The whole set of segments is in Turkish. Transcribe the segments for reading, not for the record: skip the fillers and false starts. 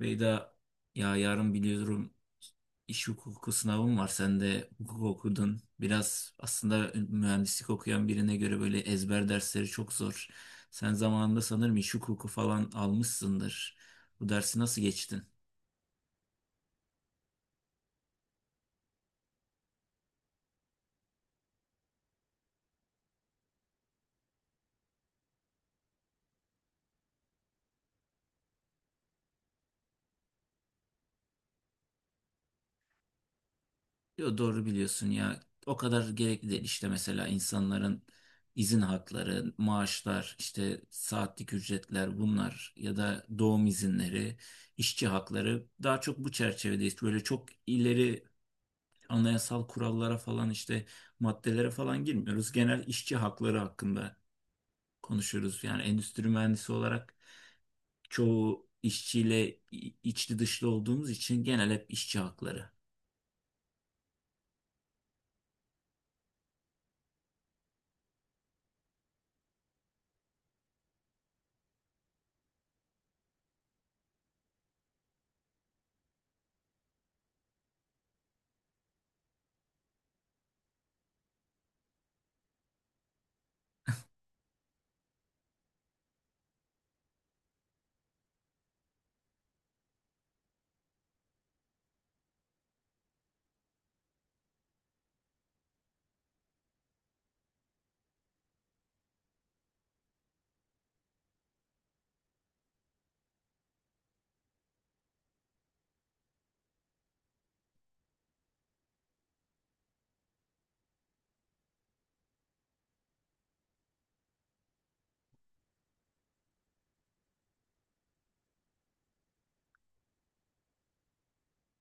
Beyda, ya yarın biliyorum, iş hukuku sınavım var. Sen de hukuk okudun. Biraz aslında mühendislik okuyan birine göre böyle ezber dersleri çok zor. Sen zamanında sanırım iş hukuku falan almışsındır. Bu dersi nasıl geçtin? Yo, doğru biliyorsun ya. O kadar gerekli değil. İşte mesela insanların izin hakları, maaşlar, işte saatlik ücretler bunlar ya da doğum izinleri, işçi hakları daha çok bu çerçevedeyiz. Böyle çok ileri anayasal kurallara falan işte maddelere falan girmiyoruz. Genel işçi hakları hakkında konuşuyoruz. Yani endüstri mühendisi olarak çoğu işçiyle içli dışlı olduğumuz için genel hep işçi hakları.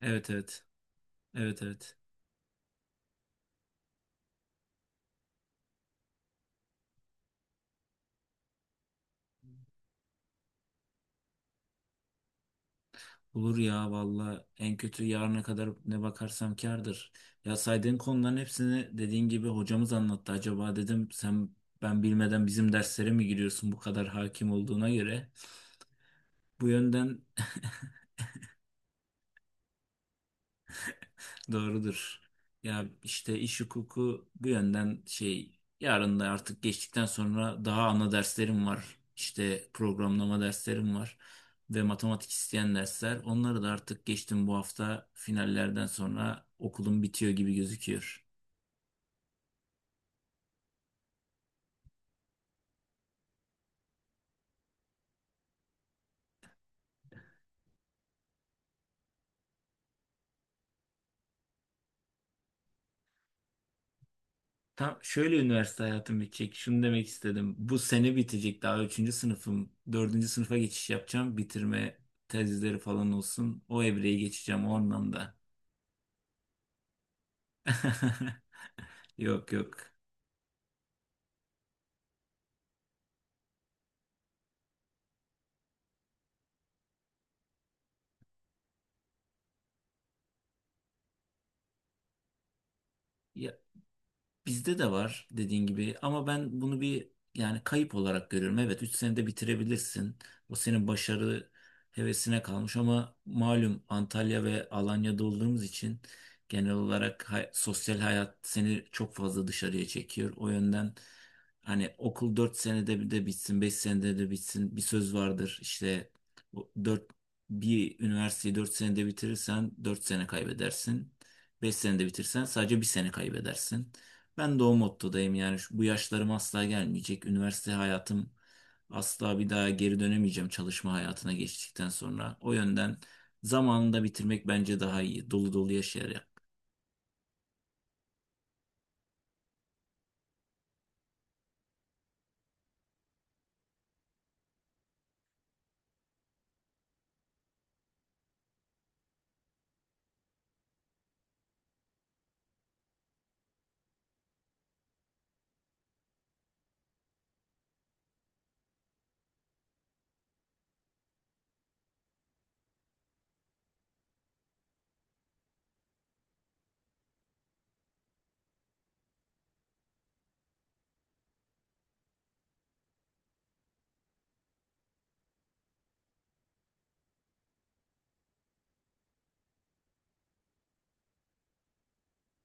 Evet, evet. Evet, evet. Olur ya, valla en kötü yarına kadar ne bakarsam kârdır. Ya saydığın konuların hepsini dediğin gibi hocamız anlattı. Acaba dedim sen ben bilmeden bizim derslere mi giriyorsun bu kadar hakim olduğuna göre. Bu yönden doğrudur. Ya işte iş hukuku bu yönden şey, yarın da artık geçtikten sonra daha ana derslerim var. İşte programlama derslerim var ve matematik isteyen dersler. Onları da artık geçtim, bu hafta finallerden sonra okulum bitiyor gibi gözüküyor. Tam şöyle üniversite hayatım bitecek. Şunu demek istedim. Bu sene bitecek. Daha üçüncü sınıfım. Dördüncü sınıfa geçiş yapacağım. Bitirme tezleri falan olsun. O evreyi geçeceğim o anlamda. Yok, yok. Ya, bizde de var dediğin gibi ama ben bunu bir, yani kayıp olarak görüyorum. Evet, 3 senede bitirebilirsin. O senin başarı hevesine kalmış ama malum Antalya ve Alanya'da olduğumuz için genel olarak sosyal hayat seni çok fazla dışarıya çekiyor. O yönden hani okul 4 senede bir de bitsin, 5 senede de bitsin, bir söz vardır. İşte o dört, bir üniversiteyi 4 senede bitirirsen 4 sene kaybedersin. 5 senede bitirsen sadece bir sene kaybedersin. Ben de o mottodayım yani bu yaşlarım asla gelmeyecek. Üniversite hayatım asla bir daha geri dönemeyeceğim çalışma hayatına geçtikten sonra. O yönden zamanında bitirmek bence daha iyi. Dolu dolu yaşayarak.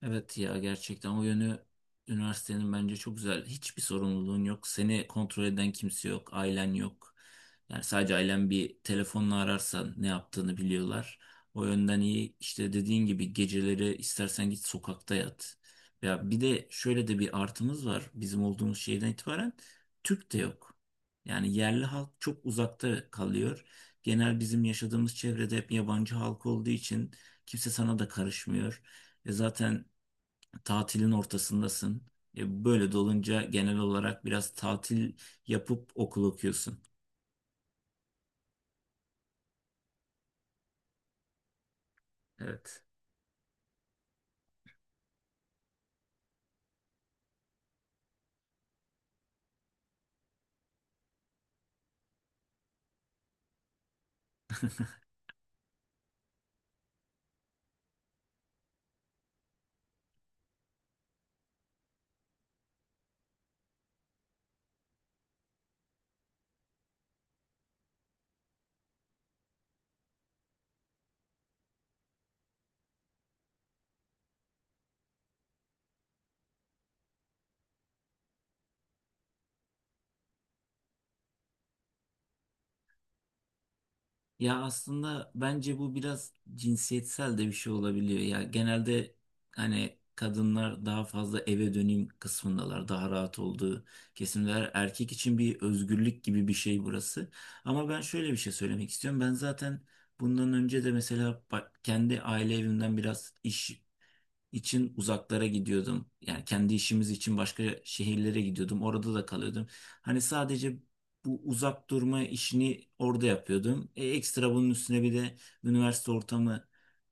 Evet ya, gerçekten o yönü üniversitenin bence çok güzel. Hiçbir sorumluluğun yok. Seni kontrol eden kimse yok. Ailen yok. Yani sadece ailen bir telefonla ararsan ne yaptığını biliyorlar. O yönden iyi. İşte dediğin gibi geceleri istersen git sokakta yat. Ya bir de şöyle de bir artımız var. Bizim olduğumuz şehirden itibaren Türk de yok. Yani yerli halk çok uzakta kalıyor. Genel bizim yaşadığımız çevrede hep yabancı halk olduğu için kimse sana da karışmıyor. Zaten tatilin ortasındasın. Böyle de olunca genel olarak biraz tatil yapıp okul okuyorsun. Evet. Ya aslında bence bu biraz cinsiyetsel de bir şey olabiliyor. Ya genelde hani kadınlar daha fazla eve döneyim kısmındalar. Daha rahat olduğu kesimler. Erkek için bir özgürlük gibi bir şey burası. Ama ben şöyle bir şey söylemek istiyorum. Ben zaten bundan önce de mesela kendi aile evimden biraz iş için uzaklara gidiyordum. Yani kendi işimiz için başka şehirlere gidiyordum. Orada da kalıyordum. Hani sadece bu uzak durma işini orada yapıyordum. Ekstra bunun üstüne bir de üniversite ortamı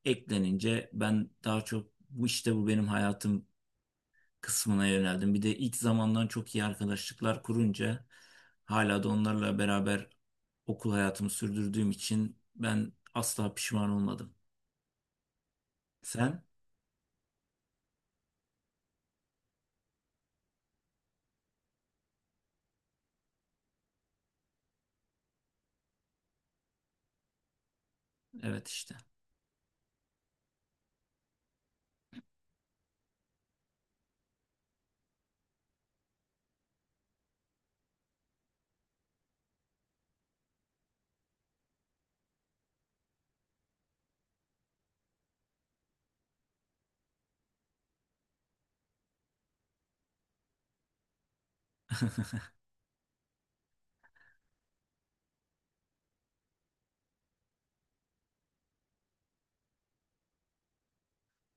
eklenince ben daha çok bu işte bu benim hayatım kısmına yöneldim. Bir de ilk zamandan çok iyi arkadaşlıklar kurunca hala da onlarla beraber okul hayatımı sürdürdüğüm için ben asla pişman olmadım. Sen? Evet, işte.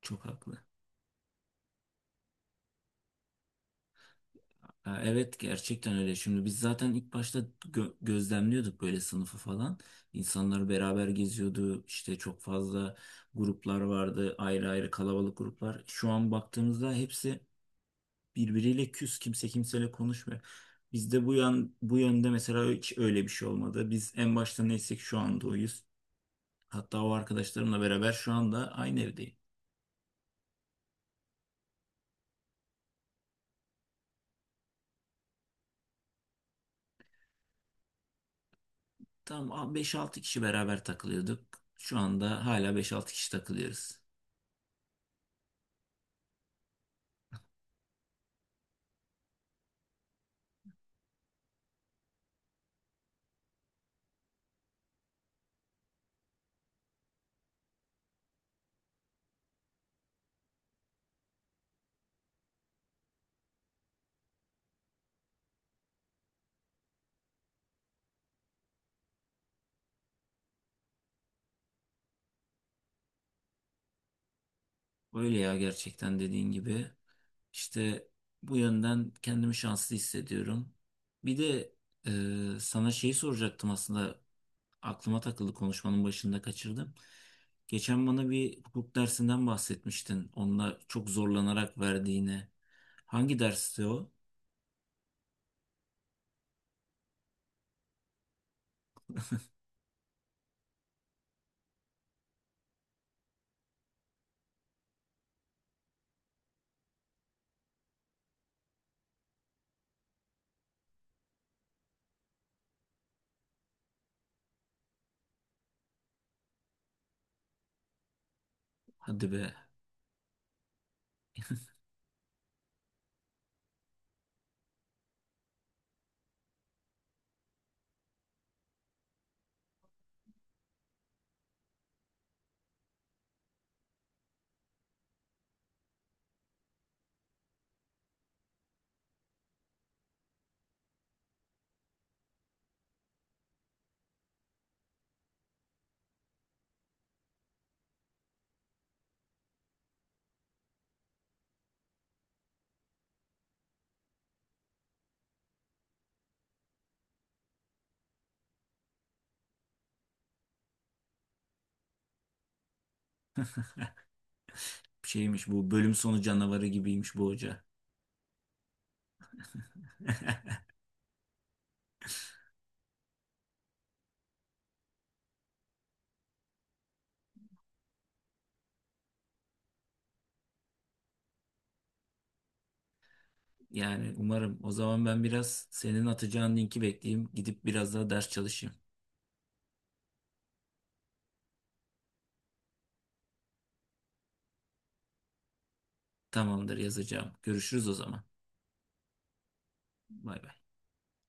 Çok haklı. Ha, evet, gerçekten öyle. Şimdi biz zaten ilk başta gözlemliyorduk böyle sınıfı falan. İnsanlar beraber geziyordu. İşte çok fazla gruplar vardı. Ayrı ayrı kalabalık gruplar. Şu an baktığımızda hepsi birbiriyle küs. Kimse kimseyle konuşmuyor. Bizde bu yönde mesela hiç öyle bir şey olmadı. Biz en başta neysek şu anda oyuz. Hatta o arkadaşlarımla beraber şu anda aynı evdeyim. Tam beş-altı kişi beraber takılıyorduk. Şu anda hala beş-altı kişi takılıyoruz. Öyle ya, gerçekten dediğin gibi. İşte bu yönden kendimi şanslı hissediyorum. Bir de sana şeyi soracaktım aslında, aklıma takıldı konuşmanın başında kaçırdım. Geçen bana bir hukuk dersinden bahsetmiştin. Onunla çok zorlanarak verdiğini. Hangi dersti o? Hadi be, şeymiş, bu bölüm sonu canavarı gibiymiş bu hoca. Yani umarım. O zaman ben biraz senin atacağın linki bekleyeyim. Gidip biraz daha ders çalışayım. Tamamdır, yazacağım. Görüşürüz o zaman. Bay bay.